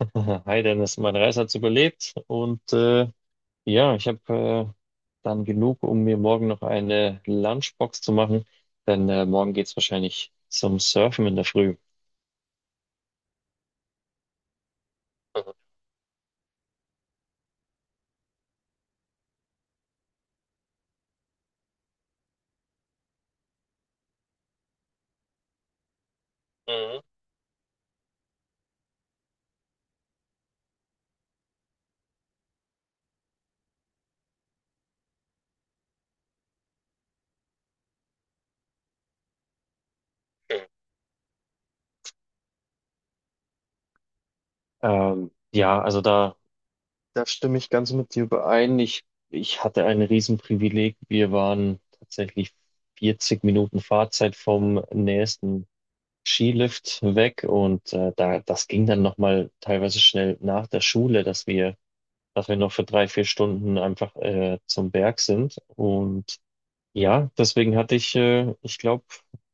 Hi Dennis, meine Reise hat überlebt und ja, ich habe dann genug, um mir morgen noch eine Lunchbox zu machen, denn morgen geht's wahrscheinlich zum Surfen in der Früh. Mhm. Ja, also da stimme ich ganz mit dir überein. Ich hatte ein Riesenprivileg. Wir waren tatsächlich 40 Minuten Fahrzeit vom nächsten Skilift weg, und das ging dann nochmal teilweise schnell nach der Schule, dass wir noch für drei, vier Stunden einfach zum Berg sind. Und ja, deswegen hatte ich, ich glaube,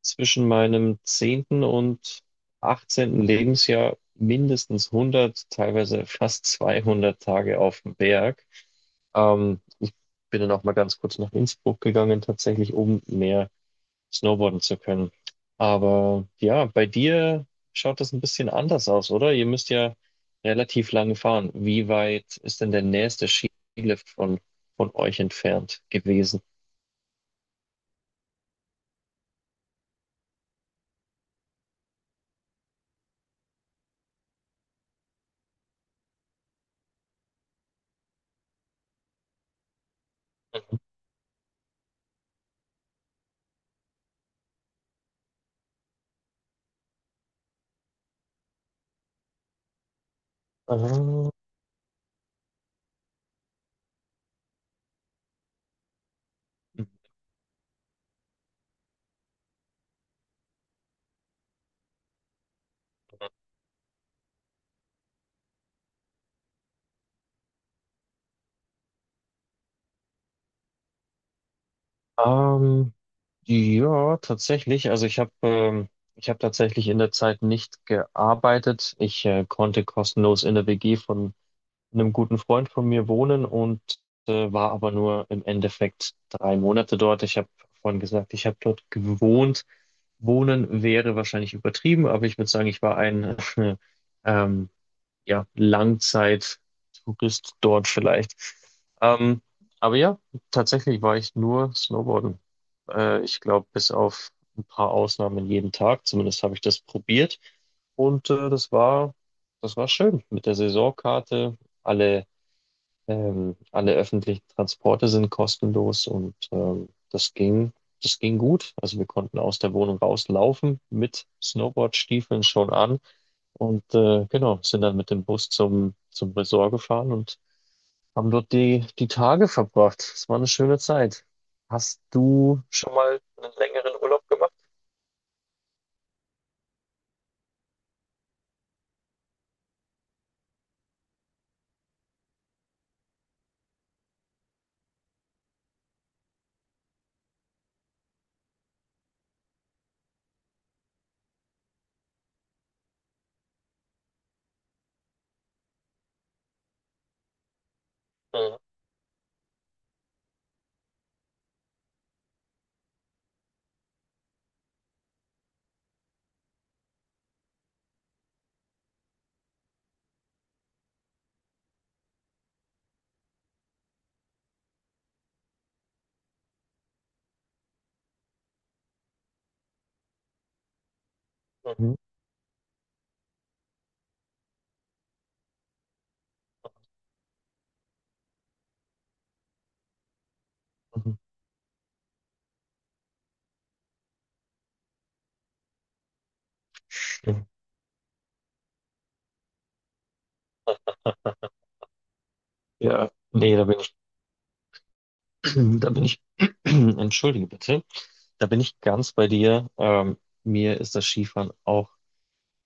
zwischen meinem zehnten und achtzehnten Lebensjahr mindestens 100, teilweise fast 200 Tage auf dem Berg. Ich bin dann auch mal ganz kurz nach Innsbruck gegangen, tatsächlich, um mehr snowboarden zu können. Aber ja, bei dir schaut das ein bisschen anders aus, oder? Ihr müsst ja relativ lange fahren. Wie weit ist denn der nächste Skilift von euch entfernt gewesen? Mhm. Ah, Ähm, ja, tatsächlich. Also ich habe tatsächlich in der Zeit nicht gearbeitet. Ich konnte kostenlos in der WG von einem guten Freund von mir wohnen, und war aber nur im Endeffekt 3 Monate dort. Ich habe vorhin gesagt, ich habe dort gewohnt. Wohnen wäre wahrscheinlich übertrieben, aber ich würde sagen, ich war ein ähm, ja, Langzeittourist dort vielleicht. Ähm, aber ja, tatsächlich war ich nur Snowboarden. Ich glaube, bis auf ein paar Ausnahmen jeden Tag, zumindest habe ich das probiert. Und das war schön mit der Saisonkarte. Alle, alle öffentlichen Transporte sind kostenlos, und das ging gut. Also wir konnten aus der Wohnung rauslaufen mit Snowboardstiefeln schon an. Und genau, sind dann mit dem Bus zum Resort gefahren und haben dort die Tage verbracht. Es war eine schöne Zeit. Hast du schon mal einen längeren Urlaub gemacht? Mhm. Mhm. Mhm. Stimmt. Ja, nee, da bin ich, da bin ich, entschuldige bitte, da bin ich ganz bei dir. Mir ist das Skifahren auch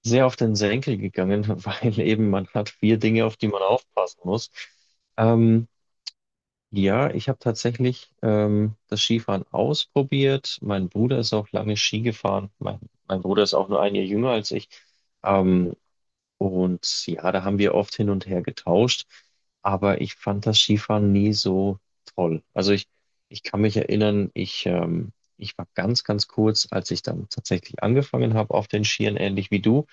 sehr auf den Senkel gegangen, weil eben man hat vier Dinge, auf die man aufpassen muss. Ähm, Ja, ich habe tatsächlich das Skifahren ausprobiert. Mein Bruder ist auch lange Ski gefahren. Mein Bruder ist auch nur ein Jahr jünger als ich. Ähm, und ja, da haben wir oft hin und her getauscht, aber ich fand das Skifahren nie so toll. Also ich kann mich erinnern, ich war ganz, ganz kurz, als ich dann tatsächlich angefangen habe auf den Skiern, ähnlich wie du.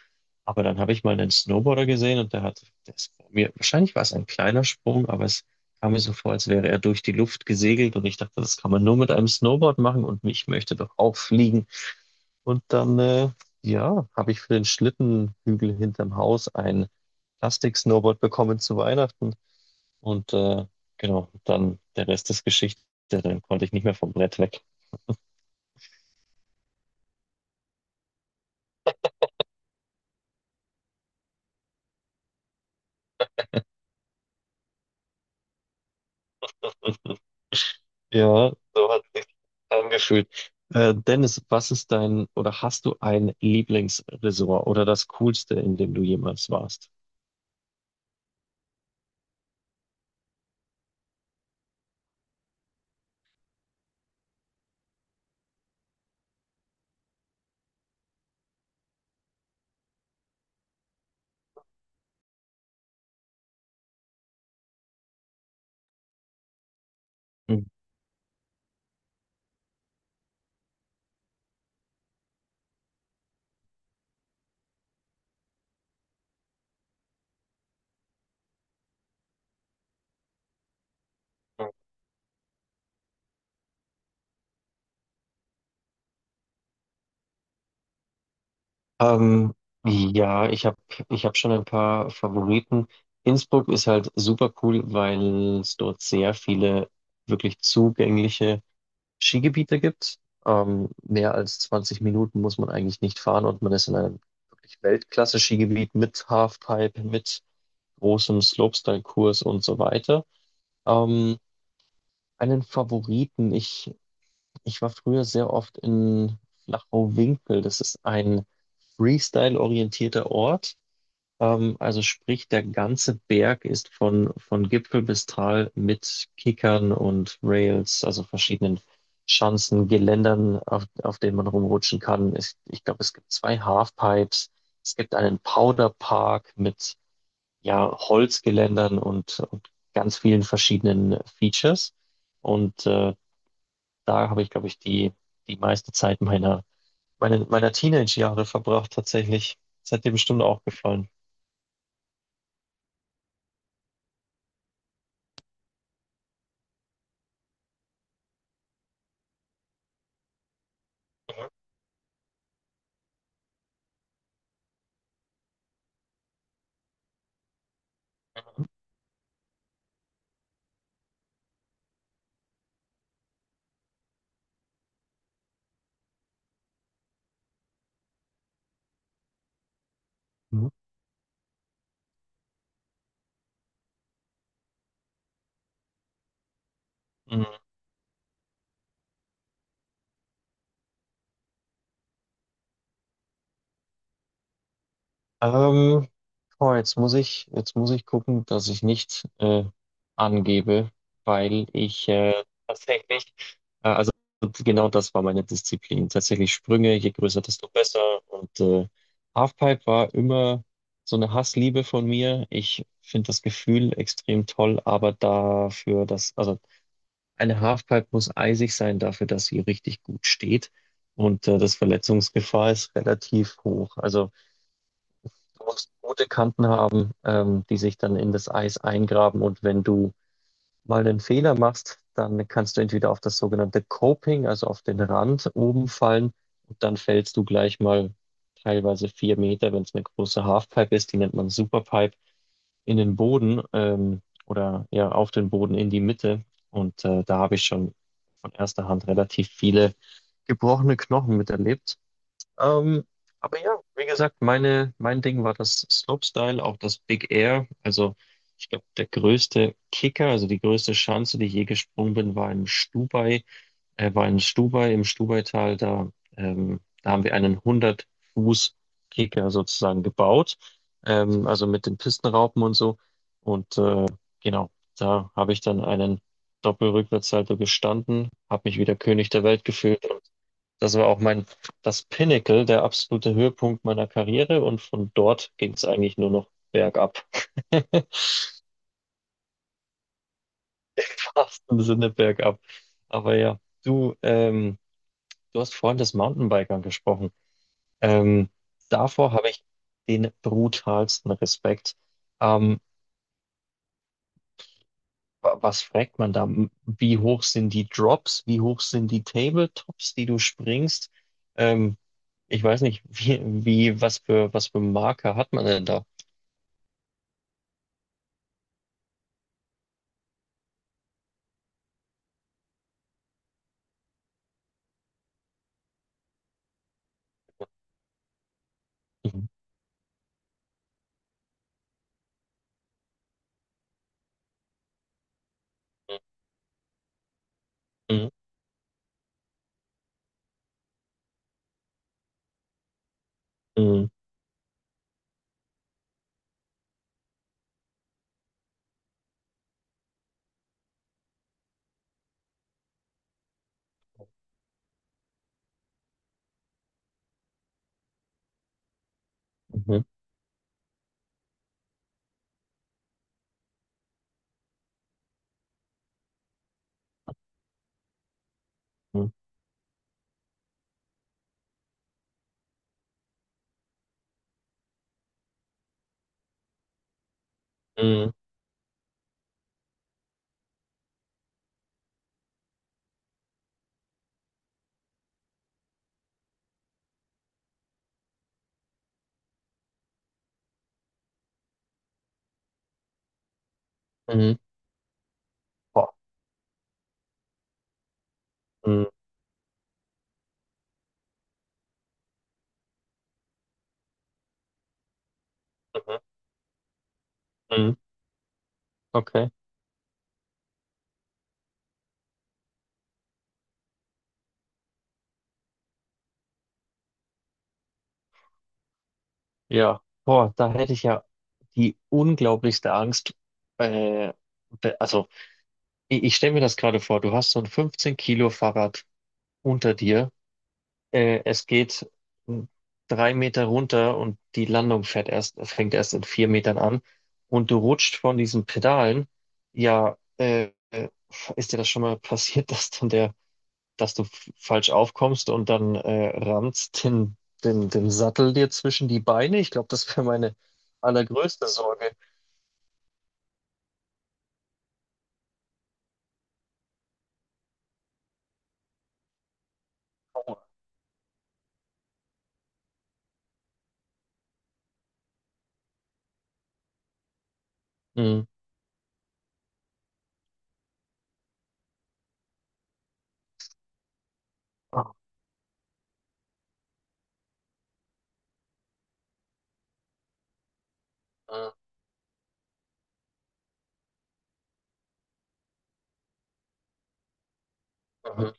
Aber dann habe ich mal einen Snowboarder gesehen, und der ist vor mir, wahrscheinlich war es ein kleiner Sprung, aber es kam mir so vor, als wäre er durch die Luft gesegelt, und ich dachte, das kann man nur mit einem Snowboard machen, und mich möchte doch auch fliegen. Und dann, ja, habe ich für den Schlittenhügel hinterm Haus ein Plastik-Snowboard bekommen zu Weihnachten. Und genau, dann der Rest ist Geschichte. Dann konnte ich nicht mehr vom Brett weg. Ja, so hat sich angefühlt. Dennis, was ist dein, oder hast du ein Lieblingsresort oder das Coolste, in dem du jemals warst? Mhm. Ähm, ja, ich hab schon ein paar Favoriten. Innsbruck ist halt super cool, weil es dort sehr viele wirklich zugängliche Skigebiete gibt. Mehr als 20 Minuten muss man eigentlich nicht fahren, und man ist in einem wirklich Weltklasse-Skigebiet mit Halfpipe, mit großem Slopestyle-Kurs und so weiter. Ähm, einen Favoriten, ich, ich war früher sehr oft in Flachau-Winkel. Das ist ein Freestyle-orientierter Ort. Also sprich, der ganze Berg ist von Gipfel bis Tal mit Kickern und Rails, also verschiedenen Schanzen, Geländern, auf denen man rumrutschen kann. Ich glaube, es gibt zwei Halfpipes. Es gibt einen Powderpark mit ja, Holzgeländern und ganz vielen verschiedenen Features. Und da habe ich, glaube ich, die meiste Zeit meiner Teenage-Jahre verbracht, tatsächlich. Das hat dir bestimmt auch gefallen. Mhm. Ähm, boah, jetzt muss ich gucken, dass ich nicht angebe, weil ich tatsächlich, also genau das war meine Disziplin. Tatsächlich Sprünge, je größer, desto besser. Und Halfpipe war immer so eine Hassliebe von mir. Ich finde das Gefühl extrem toll, aber dafür, dass, also eine Halfpipe muss eisig sein dafür, dass sie richtig gut steht. Und das Verletzungsgefahr ist relativ hoch. Also du musst gute Kanten haben, die sich dann in das Eis eingraben. Und wenn du mal einen Fehler machst, dann kannst du entweder auf das sogenannte Coping, also auf den Rand oben fallen, und dann fällst du gleich mal teilweise 4 Meter, wenn es eine große Halfpipe ist, die nennt man Superpipe, in den Boden, oder ja auf den Boden in die Mitte. Und da habe ich schon von erster Hand relativ viele gebrochene Knochen miterlebt. Ähm, aber ja, wie gesagt, mein Ding war das Slopestyle, auch das Big Air. Also ich glaube, der größte Kicker, also die größte Schanze, die ich je gesprungen bin, war in Stubai, im Stubaital. Da haben wir einen 100-Fuß-Kicker sozusagen gebaut, also mit den Pistenraupen und so. Und genau, da habe ich dann einen Doppelrückwärtssalto gestanden, habe mich wieder König der Welt gefühlt. Das war auch das Pinnacle, der absolute Höhepunkt meiner Karriere, und von dort ging es eigentlich nur noch bergab. Fast im Sinne bergab. Aber ja, du hast vorhin des Mountainbikern gesprochen. Ähm, davor habe ich den brutalsten Respekt. Ähm, was fragt man da? Wie hoch sind die Drops? Wie hoch sind die Tabletops, die du springst? Ähm, ich weiß nicht, was für Marker hat man denn da? Mhm. Mhm. Mhm. Mhm. Mhm. Mhm. Boah. Mhm. Mhm. Mhm. Okay. Ja. Boah, da hätte ich ja die unglaublichste Angst. Äh, be- also, ich stelle mir das gerade vor, du hast so ein 15 Kilo Fahrrad unter dir. Es geht mm, 3 Meter runter, und die Landung fängt erst in 4 Metern an. Und du rutscht von diesen Pedalen. Ja, ist dir das schon mal passiert, dass dann der dass du falsch aufkommst und dann rammst den Sattel dir zwischen die Beine. Ich glaube, das wäre meine allergrößte Sorge. Mhm. Mhm. Mhm.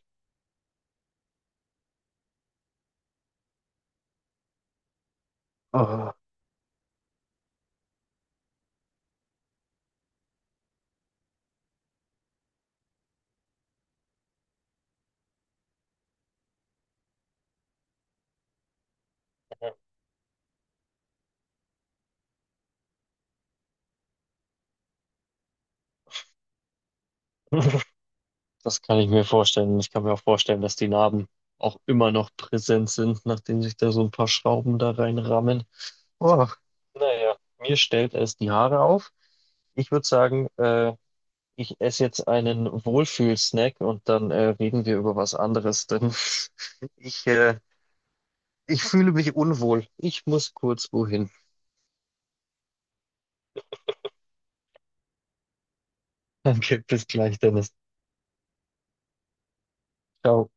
Ah. ah. Das kann ich mir vorstellen. Ich kann mir auch vorstellen, dass die Narben auch immer noch präsent sind, nachdem sich da so ein paar Schrauben da reinrammen. Oh, naja, mir stellt es die Haare auf. Ich würde sagen, ich esse jetzt einen Wohlfühlsnack, und dann reden wir über was anderes, denn ich, äh, ich fühle mich unwohl. Ich muss kurz wohin. Danke, bis gleich, Dennis. Ciao.